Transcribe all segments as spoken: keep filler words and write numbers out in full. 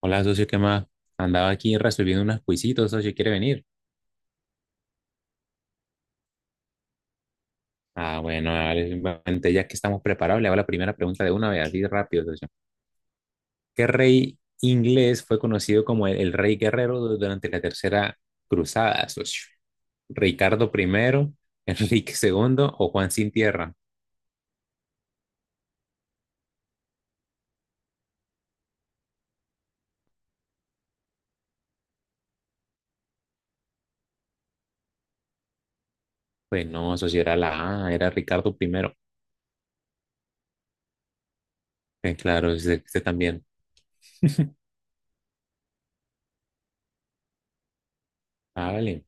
Hola, socio, ¿qué más? Andaba aquí resolviendo unos quisitos, socio, ¿quiere venir? Ah, bueno, dale, simplemente ya que estamos preparados, le hago la primera pregunta de una vez, así rápido, socio. ¿Qué rey inglés fue conocido como el, el rey guerrero du- durante la Tercera Cruzada, socio? ¿Ricardo primero, Enrique segundo o Juan sin tierra? Pues no, socio, era la A, era Ricardo primero. Eh, claro, usted, usted también. Ah, vale,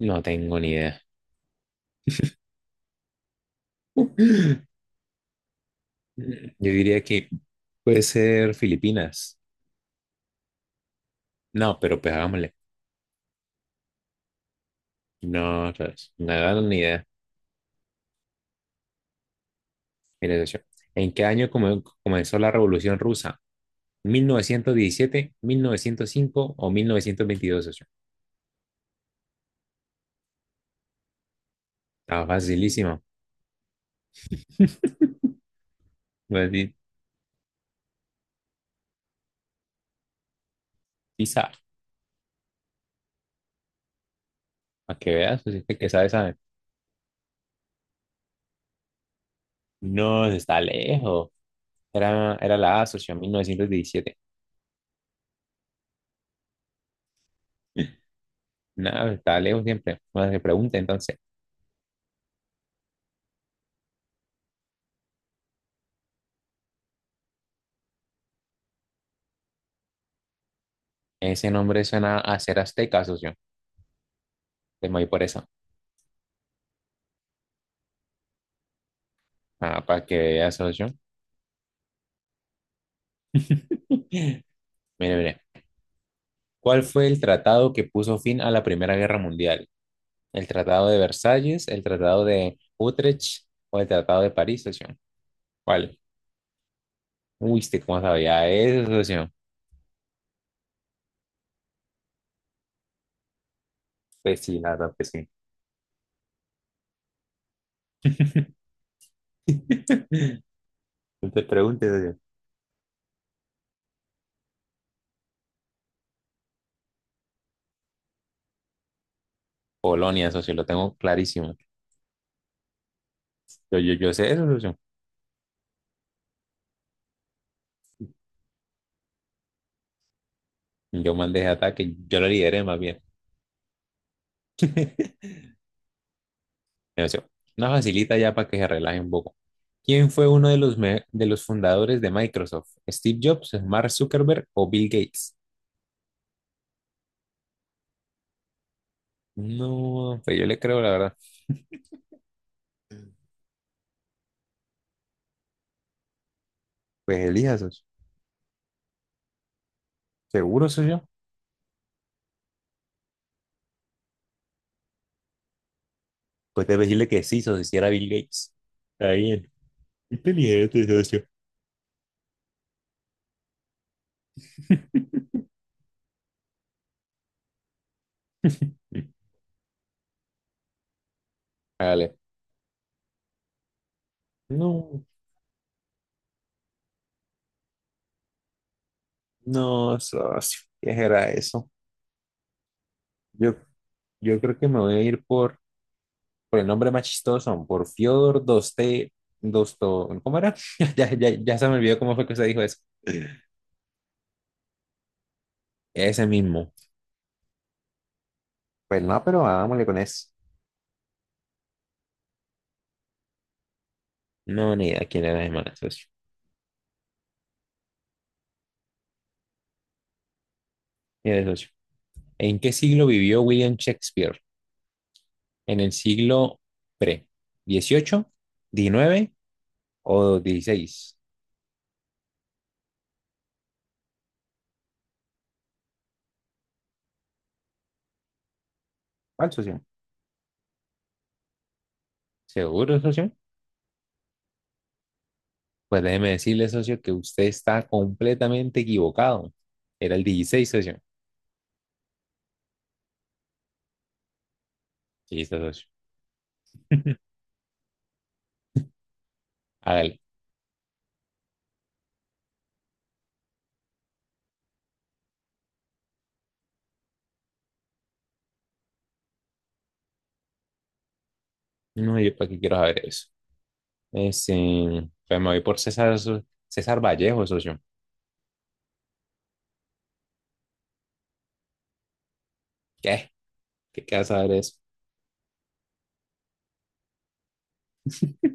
no tengo ni idea. Yo diría que puede ser Filipinas. No, pero pues hagámosle. No, otra vez. No da ni idea. Mira, socio, ¿en qué año come- comenzó la Revolución Rusa? ¿mil novecientos diecisiete, mil novecientos cinco o mil novecientos veintidós, socio? Está facilísimo. Pues, di- sí sabe. Para que veas, socio, que que sabe, sabe. No, está lejos. Era, era la A, socio, mil novecientos diecisiete. No, está lejos siempre. Bueno, se pregunta entonces. Ese nombre suena a ser azteca, socio. Te me voy por eso. Ah, para que veas, socio. Mire, mire. ¿Cuál fue el tratado que puso fin a la Primera Guerra Mundial? ¿El Tratado de Versalles, el Tratado de Utrecht o el Tratado de París, socio? ¿Cuál? Uy, ¿usted cómo sabía eso, socio? Pues sí, la verdad, pues sí. No te preguntes, socio. Polonia, socio, lo tengo clarísimo. Yo, yo, yo sé eso, socio. Yo mandé ese ataque, yo lo lideré más bien. Mira, socio. Una facilita ya para que se relaje un poco. ¿Quién fue uno de los, me- de los fundadores de Microsoft? ¿Steve Jobs, Mark Zuckerberg o Bill Gates? No, pues yo le creo, la verdad. Pues elija sos. ¿Seguro soy yo? Pues debe decirle que sí, socio, si era Bill Gates. Está bien. Inteligente, socio. Dale. No, no, socio. ¿Qué era eso? Yo, yo creo que me voy a ir por, por el nombre más chistoso, por Fyodor Doste, Dosto, ¿cómo era? Ya, ya, ya se me olvidó cómo fue que se dijo eso. Ese mismo. Pues no, pero hagámosle con eso. No, ni idea quién era ese man, socio. Mire, socio. ¿En qué siglo vivió William Shakespeare? ¿En el siglo pre? dieciocho, diecinueve o dieciséis? ¿Cuál, socio? ¿Seguro, socio? Pues déjeme decirle, socio, que usted está completamente equivocado. Era el dieciséis, socio. Sí, está, socio. Hágale. No, yo para qué quiero saber eso. Es, eh, pues me voy por César, so- César Vallejo, socio. ¿Qué? ¿Qué queda saber eso?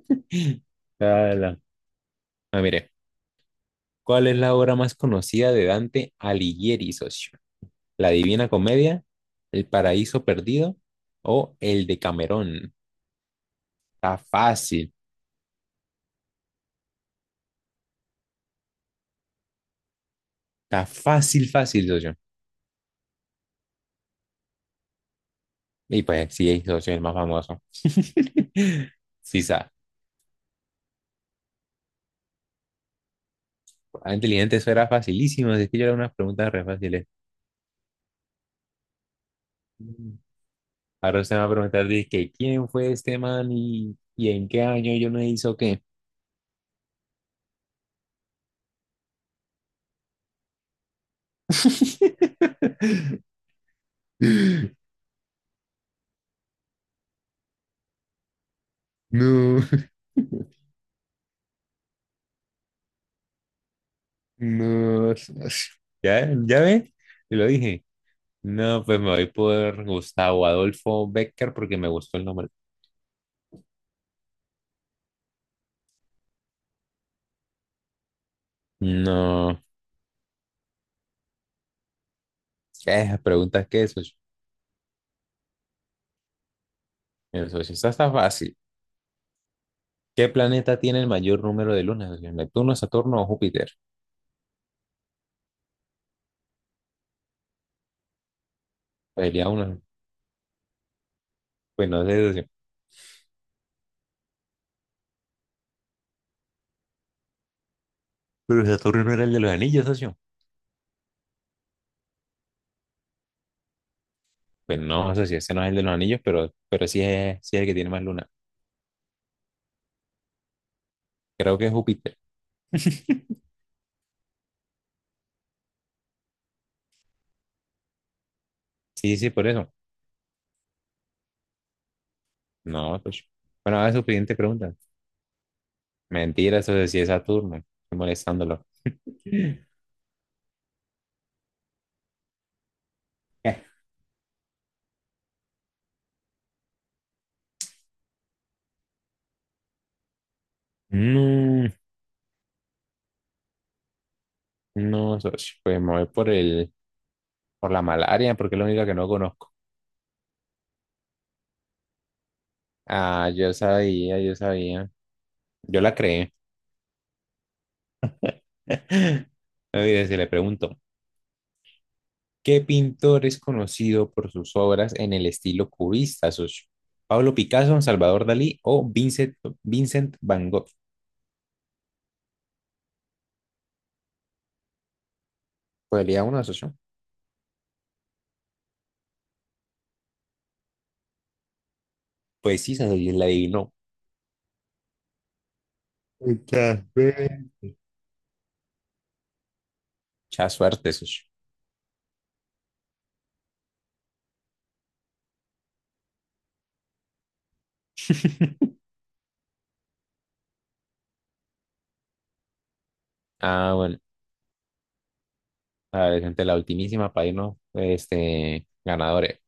Ala. Ah, mire, ¿cuál es la obra más conocida de Dante Alighieri, socio? La Divina Comedia, El Paraíso Perdido o El de Camerón. Está fácil, está fácil, fácil, socio. Y pues sí, socio, es el más famoso. Sí, sa. Ah, inteligente, eso era facilísimo. Es que yo era unas preguntas re fáciles. Mm. Ahora usted me va a preguntar, dice, que ¿quién fue este man y, y en qué año yo no hizo qué? No, no. Ya, ya ve, te lo dije. No, pues me voy por Gustavo Adolfo Becker porque me gustó el nombre. No, esas preguntas que eso, eso sí está, está fácil. ¿Qué planeta tiene el mayor número de lunas, socio? ¿Neptuno, Saturno o Júpiter? Pues diría uno, pues no sé, socio. Pero Saturno no era el de los anillos, socio. Pues no, socio, ese no es el de los anillos, pero, pero sí es, sí es el que tiene más lunas. Creo que es Júpiter. Sí, sí, por eso. No, socio. Bueno, a ver su siguiente pregunta. Mentira, socio, sí es Saturno. Estoy molestándolo. No, no, socio, pues me voy por el, por la malaria, porque es la única que no conozco. Ah, yo sabía, yo sabía. Yo la creé. No. Mire, se le pregunto, ¿qué pintor es conocido por sus obras en el estilo cubista, socio? ¿Pablo Picasso, Salvador Dalí o Vincent, Vincent Van Gogh? ¿Podría uno, socio? Pues sí, socio, la adivinó. Muchas veces. Mucha suerte, socio. Ah, bueno, a ver, gente, la ultimísima para irnos, este, ganadores.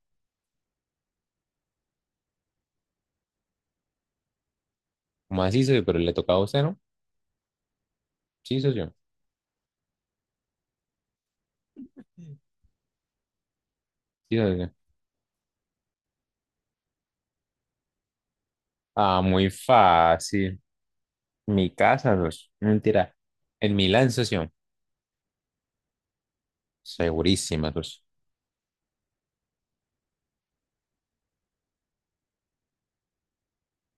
¿Como así, socio? Pero le tocaba a usted, ¿no? Sí, socio. Sí, socio. Ah, muy fácil. Mi casa, socio. No, mentira. En Milán, socio. Segurísima, socio.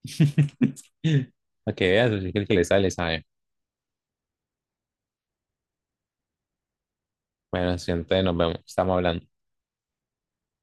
Para que veas, socio, que el que le sale, sabe. Bueno, socio, entonces nos vemos. Estamos hablando.